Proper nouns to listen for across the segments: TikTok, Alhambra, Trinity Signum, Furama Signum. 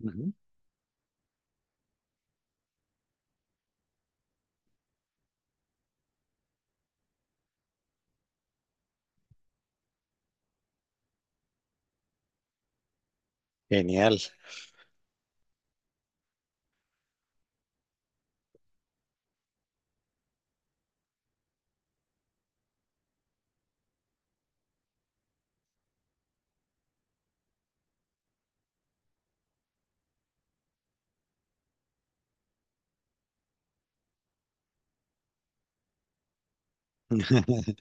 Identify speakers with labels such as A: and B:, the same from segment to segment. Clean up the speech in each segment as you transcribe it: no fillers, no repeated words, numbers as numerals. A: Ujú. Genial.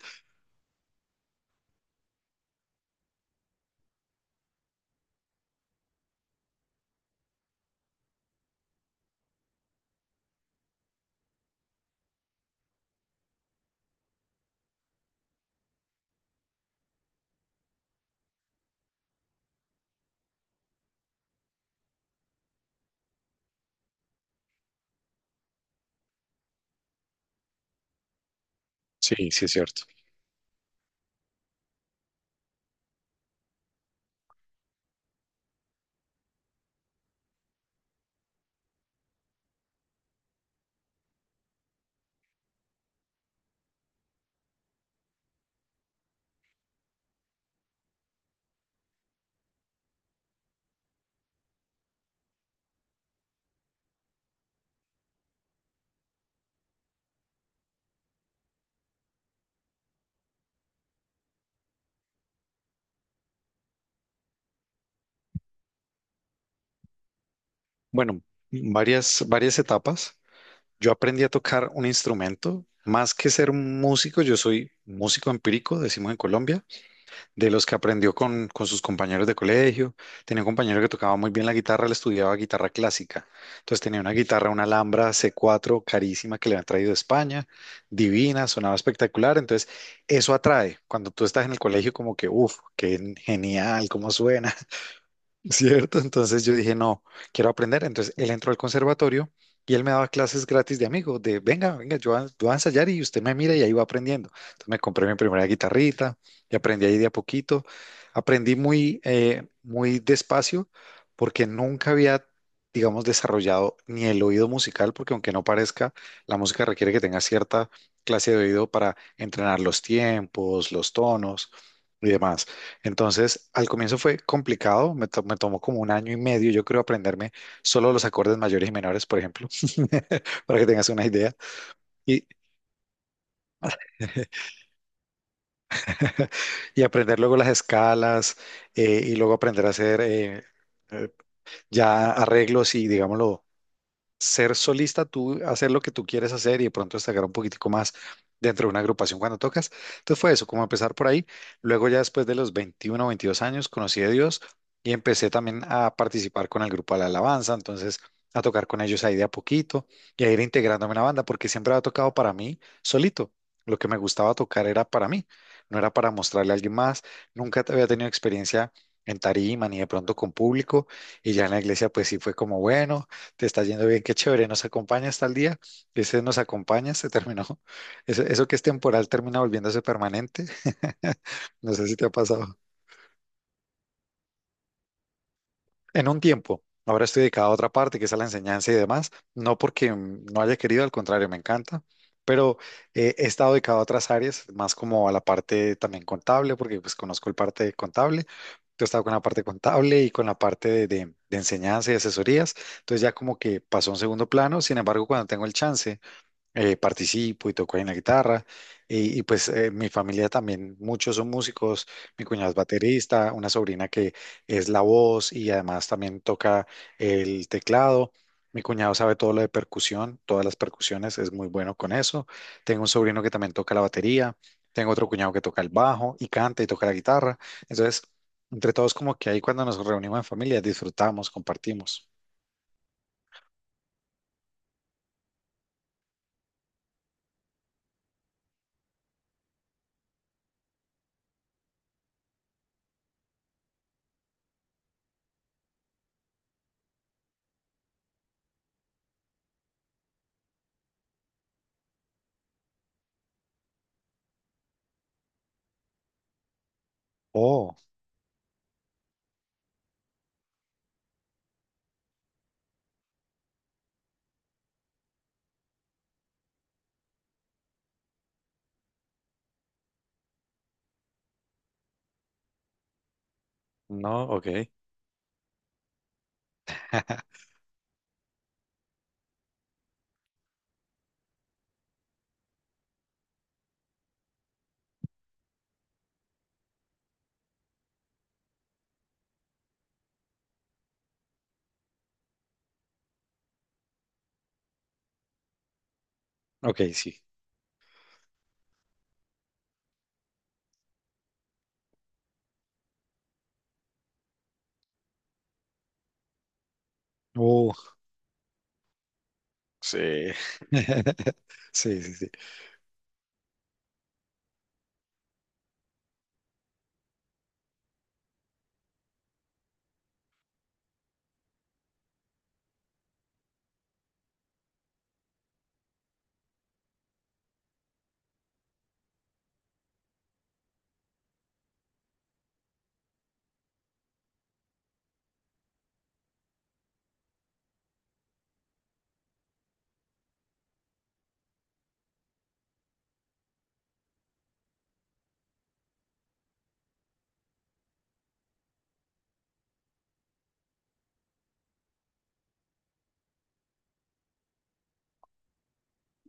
A: Sí, sí es cierto. Bueno, varias, varias etapas. Yo aprendí a tocar un instrumento. Más que ser un músico, yo soy músico empírico, decimos en Colombia, de los que aprendió con sus compañeros de colegio. Tenía un compañero que tocaba muy bien la guitarra, él estudiaba guitarra clásica. Entonces tenía una guitarra, una Alhambra c cuatro carísima que le han traído de España, divina, sonaba espectacular. Entonces eso atrae. Cuando tú estás en el colegio, como que, uff, qué genial, cómo suena. ¿Cierto? Entonces yo dije, no, quiero aprender. Entonces él entró al conservatorio y él me daba clases gratis de amigo, de venga, venga, yo voy a ensayar y usted me mira y ahí va aprendiendo. Entonces me compré mi primera guitarrita y aprendí ahí de a poquito. Aprendí muy, muy despacio porque nunca había, digamos, desarrollado ni el oído musical, porque aunque no parezca, la música requiere que tenga cierta clase de oído para entrenar los tiempos, los tonos y demás. Entonces, al comienzo fue complicado, me tomó como 1 año y medio, yo creo, aprenderme solo los acordes mayores y menores, por ejemplo, para que tengas una idea, y, y aprender luego las escalas, y luego aprender a hacer eh, ya arreglos y, digámoslo, ser solista, tú hacer lo que tú quieres hacer y de pronto destacar un poquitico más dentro de una agrupación cuando tocas. Entonces fue eso, como empezar por ahí. Luego ya después de los 21 o 22 años conocí a Dios y empecé también a participar con el grupo de la alabanza, entonces a tocar con ellos ahí de a poquito y a ir integrándome en la banda porque siempre había tocado para mí solito. Lo que me gustaba tocar era para mí, no era para mostrarle a alguien más. Nunca había tenido experiencia en tarima ni de pronto con público y ya en la iglesia pues sí fue como bueno, te está yendo bien, qué chévere, nos acompaña hasta el día, ese nos acompaña, se terminó. Eso que es temporal termina volviéndose permanente. No sé si te ha pasado. En un tiempo, ahora estoy dedicado a otra parte, que es a la enseñanza y demás, no porque no haya querido, al contrario, me encanta, pero he estado dedicado a otras áreas, más como a la parte también contable, porque pues conozco el parte contable. Yo he estado con la parte contable y con la parte de, de enseñanza y asesorías, entonces ya como que pasó a un segundo plano, sin embargo, cuando tengo el chance participo y toco ahí en la guitarra. Y pues mi familia también, muchos son músicos, mi cuñado es baterista, una sobrina que es la voz y además también toca el teclado. Mi cuñado sabe todo lo de percusión, todas las percusiones, es muy bueno con eso. Tengo un sobrino que también toca la batería, tengo otro cuñado que toca el bajo y canta y toca la guitarra. Entonces, entre todos como que ahí cuando nos reunimos en familia disfrutamos, compartimos. Oh, no, ok. Ok, sí. Oh, sí. Sí, sí, sí.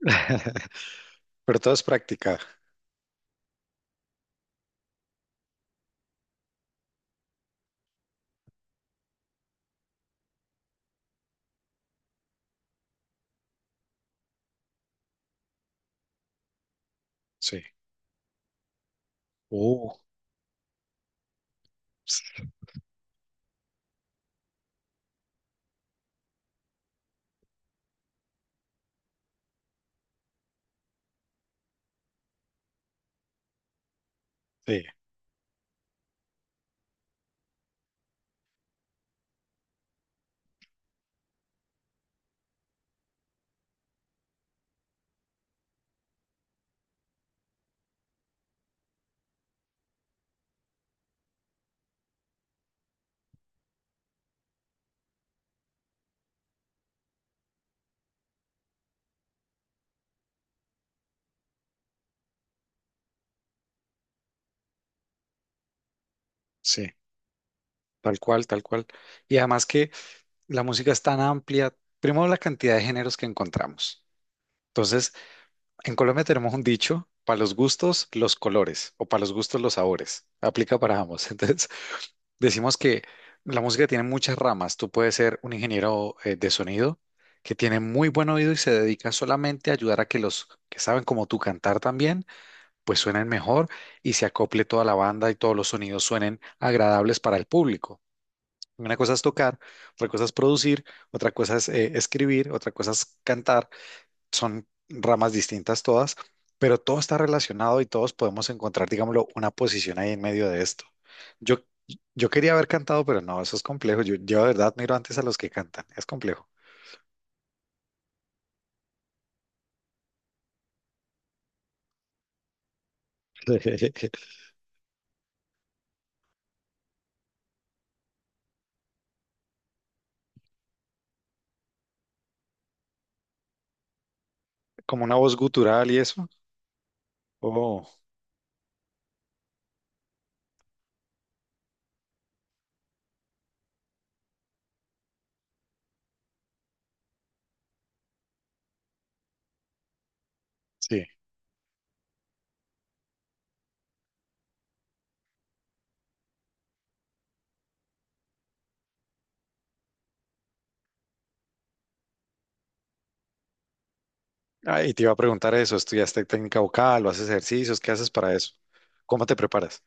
A: Pero todo es práctica. Sí. Uh, sí, sí. Tal cual, tal cual. Y además que la música es tan amplia. Primero, la cantidad de géneros que encontramos. Entonces, en Colombia tenemos un dicho, para los gustos, los colores, o para los gustos, los sabores. Aplica para ambos. Entonces, decimos que la música tiene muchas ramas. Tú puedes ser un ingeniero de sonido que tiene muy buen oído y se dedica solamente a ayudar a que los que saben como tú cantar también, pues suenen mejor y se acople toda la banda y todos los sonidos suenen agradables para el público. Una cosa es tocar, otra cosa es producir, otra cosa es escribir, otra cosa es cantar, son ramas distintas todas, pero todo está relacionado y todos podemos encontrar, digámoslo, una posición ahí en medio de esto. Yo, yo quería haber cantado, pero no, eso es complejo. Yo de verdad miro antes a los que cantan, es complejo. Como una voz gutural y eso. Oh, sí. Ah, y te iba a preguntar eso, ¿estudiaste técnica vocal o haces ejercicios? ¿Qué haces para eso? ¿Cómo te preparas?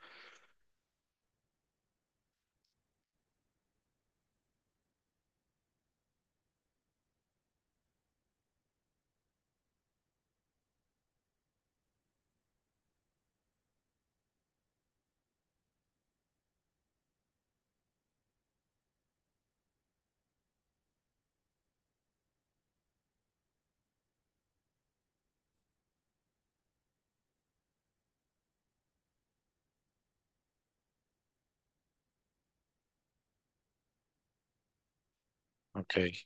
A: Ok,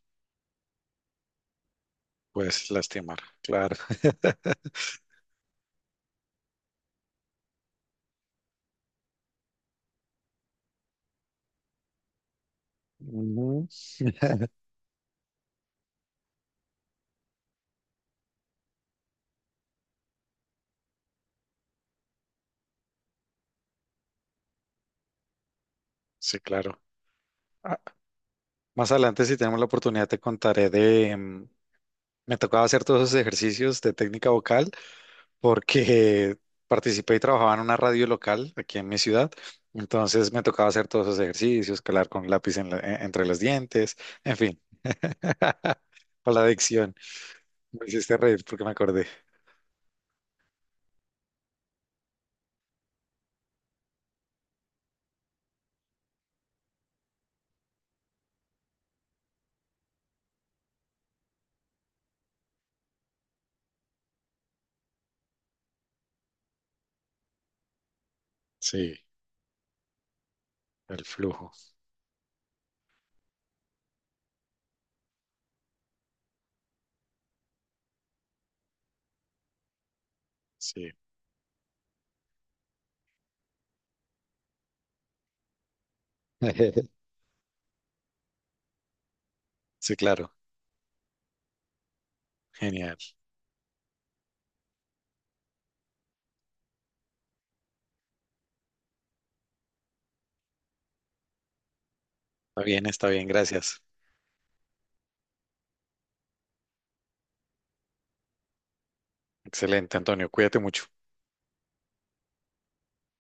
A: pues lastimar, claro. Ujú. Sí, claro. A- Más adelante, si tenemos la oportunidad, te contaré de... me tocaba hacer todos esos ejercicios de técnica vocal porque participé y trabajaba en una radio local aquí en mi ciudad. Entonces me tocaba hacer todos esos ejercicios, calar con lápiz entre los dientes, en fin, con la adicción. Me hiciste reír porque me acordé. Sí, el flujo. Sí. Sí, claro. Genial. Está bien, está bien. Gracias. Excelente, Antonio. Cuídate mucho.